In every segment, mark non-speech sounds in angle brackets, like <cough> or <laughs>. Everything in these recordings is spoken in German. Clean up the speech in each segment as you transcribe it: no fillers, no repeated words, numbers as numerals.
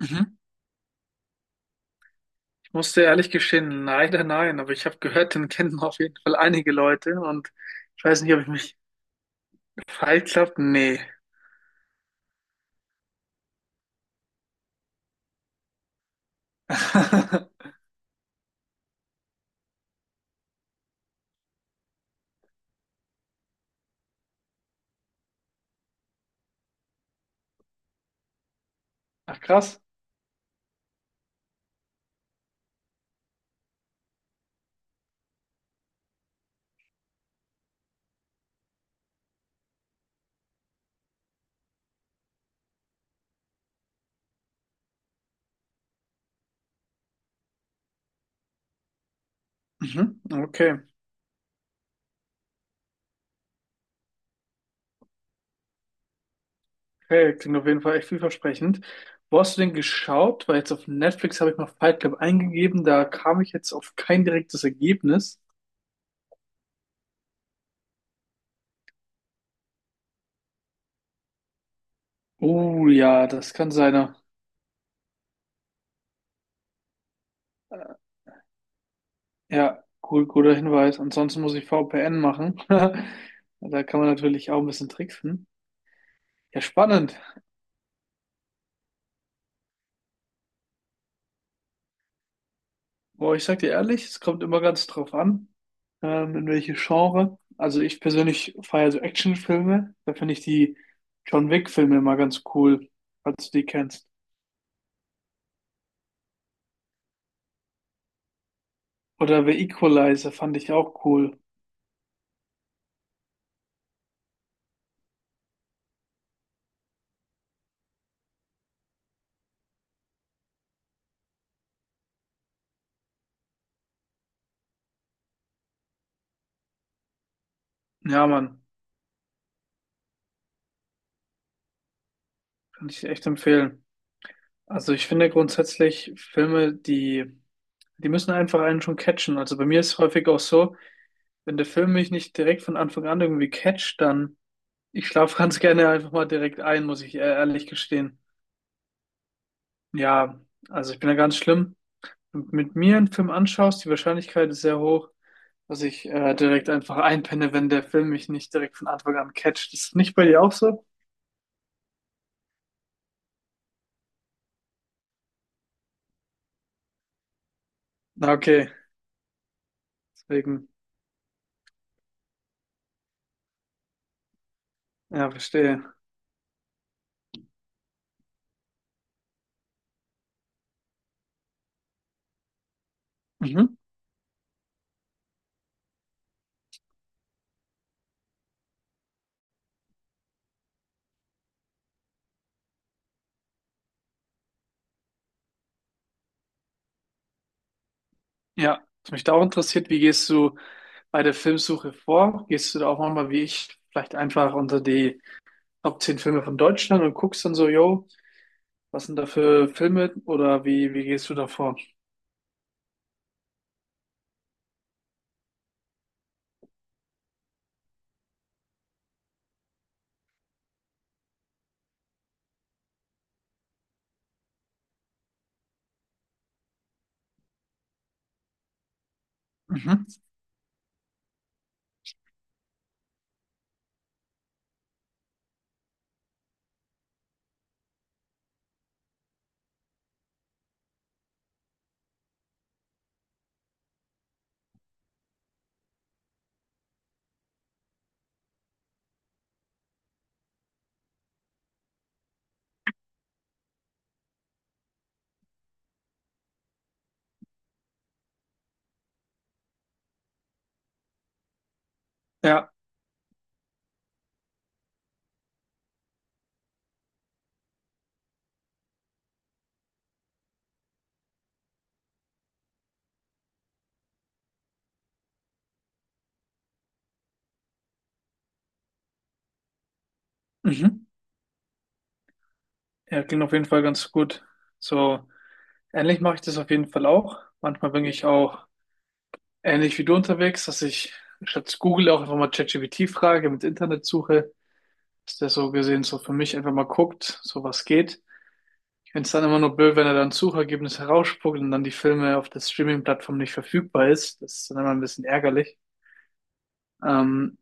Mhm. Ich muss dir ehrlich gestehen, leider nein, aber ich habe gehört, den kennen auf jeden Fall einige Leute und ich weiß nicht, ob ich mich falsch habe. Nee. <laughs> Ach krass. Mhm. Okay. Okay, klingt auf jeden Fall echt vielversprechend. Wo hast du den geschaut? Weil jetzt auf Netflix habe ich mal Fight Club eingegeben, da kam ich jetzt auf kein direktes Ergebnis. Oh ja, das kann sein. Ja, gut, guter Hinweis. Ansonsten muss ich VPN machen. <laughs> Da kann man natürlich auch ein bisschen tricksen. Ja, spannend. Boah, ich sag dir ehrlich, es kommt immer ganz drauf an, in welche Genre. Also ich persönlich feiere so Actionfilme. Da finde ich die John Wick-Filme immer ganz cool, falls du die kennst. Oder The Equalizer fand ich auch cool. Ja, Mann, kann ich echt empfehlen. Also ich finde grundsätzlich Filme, die müssen einfach einen schon catchen. Also bei mir ist es häufig auch so, wenn der Film mich nicht direkt von Anfang an irgendwie catcht, dann ich schlafe <laughs> ganz gerne einfach mal direkt ein, muss ich ehrlich gestehen. Ja, also ich bin da ganz schlimm. Wenn du mit mir einen Film anschaust, die Wahrscheinlichkeit ist sehr hoch, dass ich direkt einfach einpenne, wenn der Film mich nicht direkt von Anfang an catcht. Ist das nicht bei dir auch so? Na, okay. Deswegen, ja, verstehe. Mhm. Ja, was mich da auch interessiert, wie gehst du bei der Filmsuche vor? Gehst du da auch manchmal wie ich vielleicht einfach unter die Top 10 Filme von Deutschland und guckst dann so, yo, was sind da für Filme oder wie gehst du da vor? Mhm. Ja. Mhm. Ja, klingt auf jeden Fall ganz gut. So, ähnlich mache ich das auf jeden Fall auch. Manchmal bin ich auch ähnlich wie du unterwegs, dass ich statt Google auch einfach mal ChatGPT frage, mit Internetsuche, dass der so gesehen so für mich einfach mal guckt, so was geht. Ich finde es dann immer nur blöd, wenn er dann Suchergebnis herausspuckt und dann die Filme auf der Streaming-Plattform nicht verfügbar ist. Das ist dann immer ein bisschen ärgerlich. Ähm,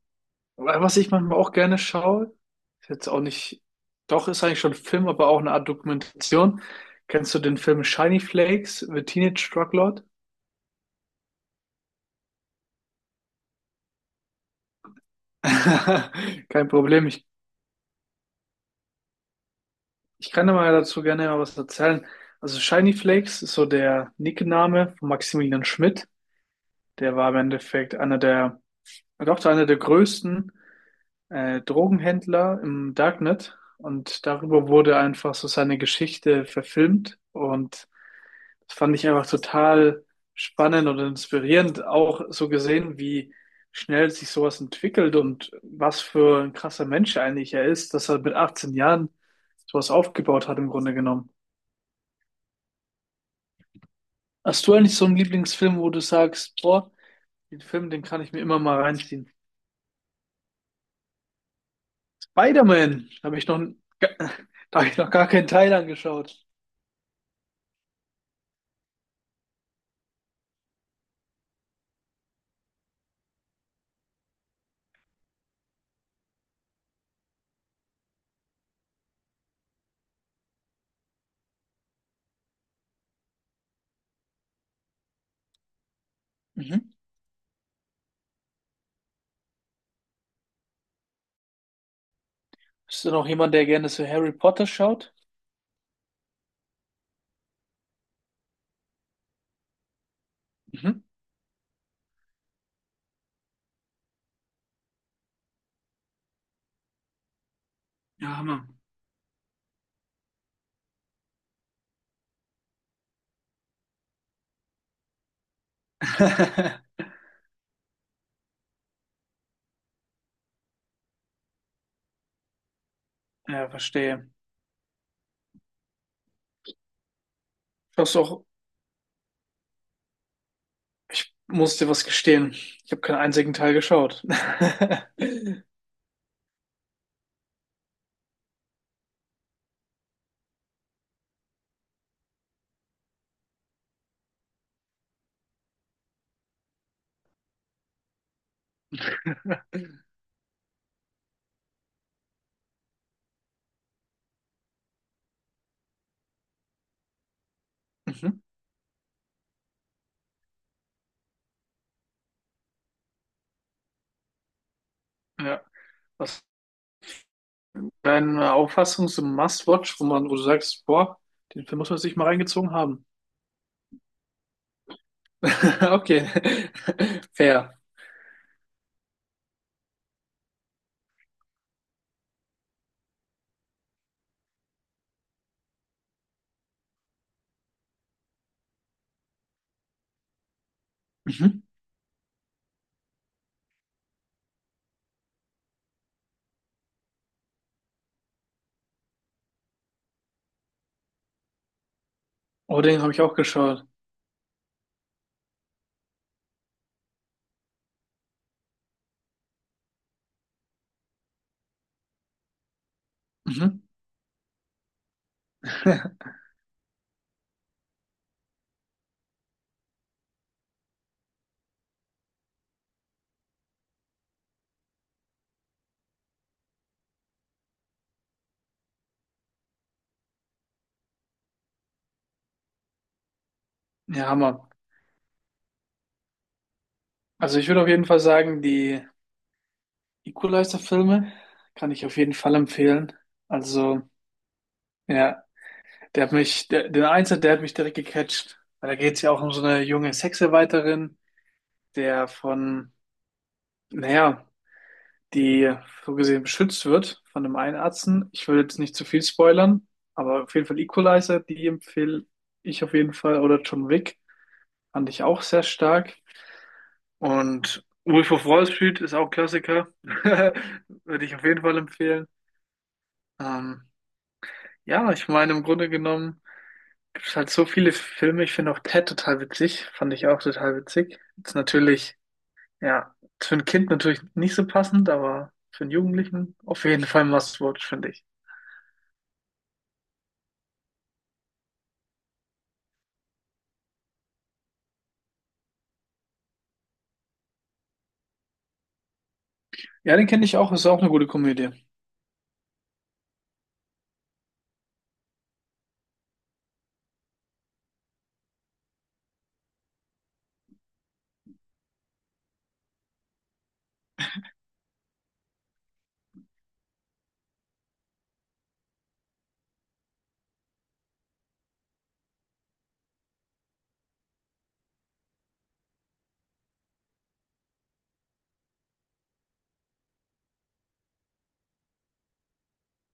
Aber was ich manchmal auch gerne schaue, ist jetzt auch nicht, doch ist eigentlich schon ein Film, aber auch eine Art Dokumentation. Kennst du den Film Shiny Flakes, The Teenage Drug Lord? <laughs> Kein Problem, ich kann dir mal dazu gerne mal was erzählen. Also Shiny Flakes ist so der Nickname von Maximilian Schmidt. Der war im Endeffekt einer der, doch einer der größten Drogenhändler im Darknet, und darüber wurde einfach so seine Geschichte verfilmt, und das fand ich einfach total spannend und inspirierend, auch so gesehen, wie schnell sich sowas entwickelt und was für ein krasser Mensch eigentlich er ist, dass er mit 18 Jahren sowas aufgebaut hat im Grunde genommen. Hast du eigentlich so einen Lieblingsfilm, wo du sagst, boah, den Film, den kann ich mir immer mal reinziehen? Spider-Man, habe ich noch, <laughs> da habe ich noch gar keinen Teil angeschaut. Mhm. Bist du noch jemand, der gerne so Harry Potter schaut? Mhm. Ja, Hammer. <laughs> Ja, verstehe. Schaust du auch, musst dir was gestehen. Ich habe keinen einzigen Teil geschaut. <laughs> Mhm. Ja. Was ist deine Auffassung zum Must-Watch, wo man, wo du sagst, boah, den Film muss man sich mal reingezogen haben. <laughs> Okay. Fair. Mhm. Oh, den habe ich auch geschaut. Mhm. <laughs> Ja, Hammer. Also ich würde auf jeden Fall sagen, die Equalizer-Filme kann ich auf jeden Fall empfehlen. Also, ja, der hat mich, der Einser, der hat mich direkt gecatcht. Weil da geht es ja auch um so eine junge Sexarbeiterin, der von, naja, die so gesehen beschützt wird von einem Einärzten. Ich will jetzt nicht zu viel spoilern, aber auf jeden Fall Equalizer, die empfehle ich auf jeden Fall. Oder John Wick fand ich auch sehr stark. Und Wolf of Wall Street ist auch Klassiker. <laughs> Würde ich auf jeden Fall empfehlen. Ähm, Ja, ich meine, im Grunde genommen gibt es halt so viele Filme. Ich finde auch Ted total witzig. Fand ich auch total witzig. Ist natürlich, ja, ist für ein Kind natürlich nicht so passend, aber für einen Jugendlichen auf jeden Fall ein Must-Watch, finde ich. Ja, den kenne ich auch. Ist auch eine gute Komödie.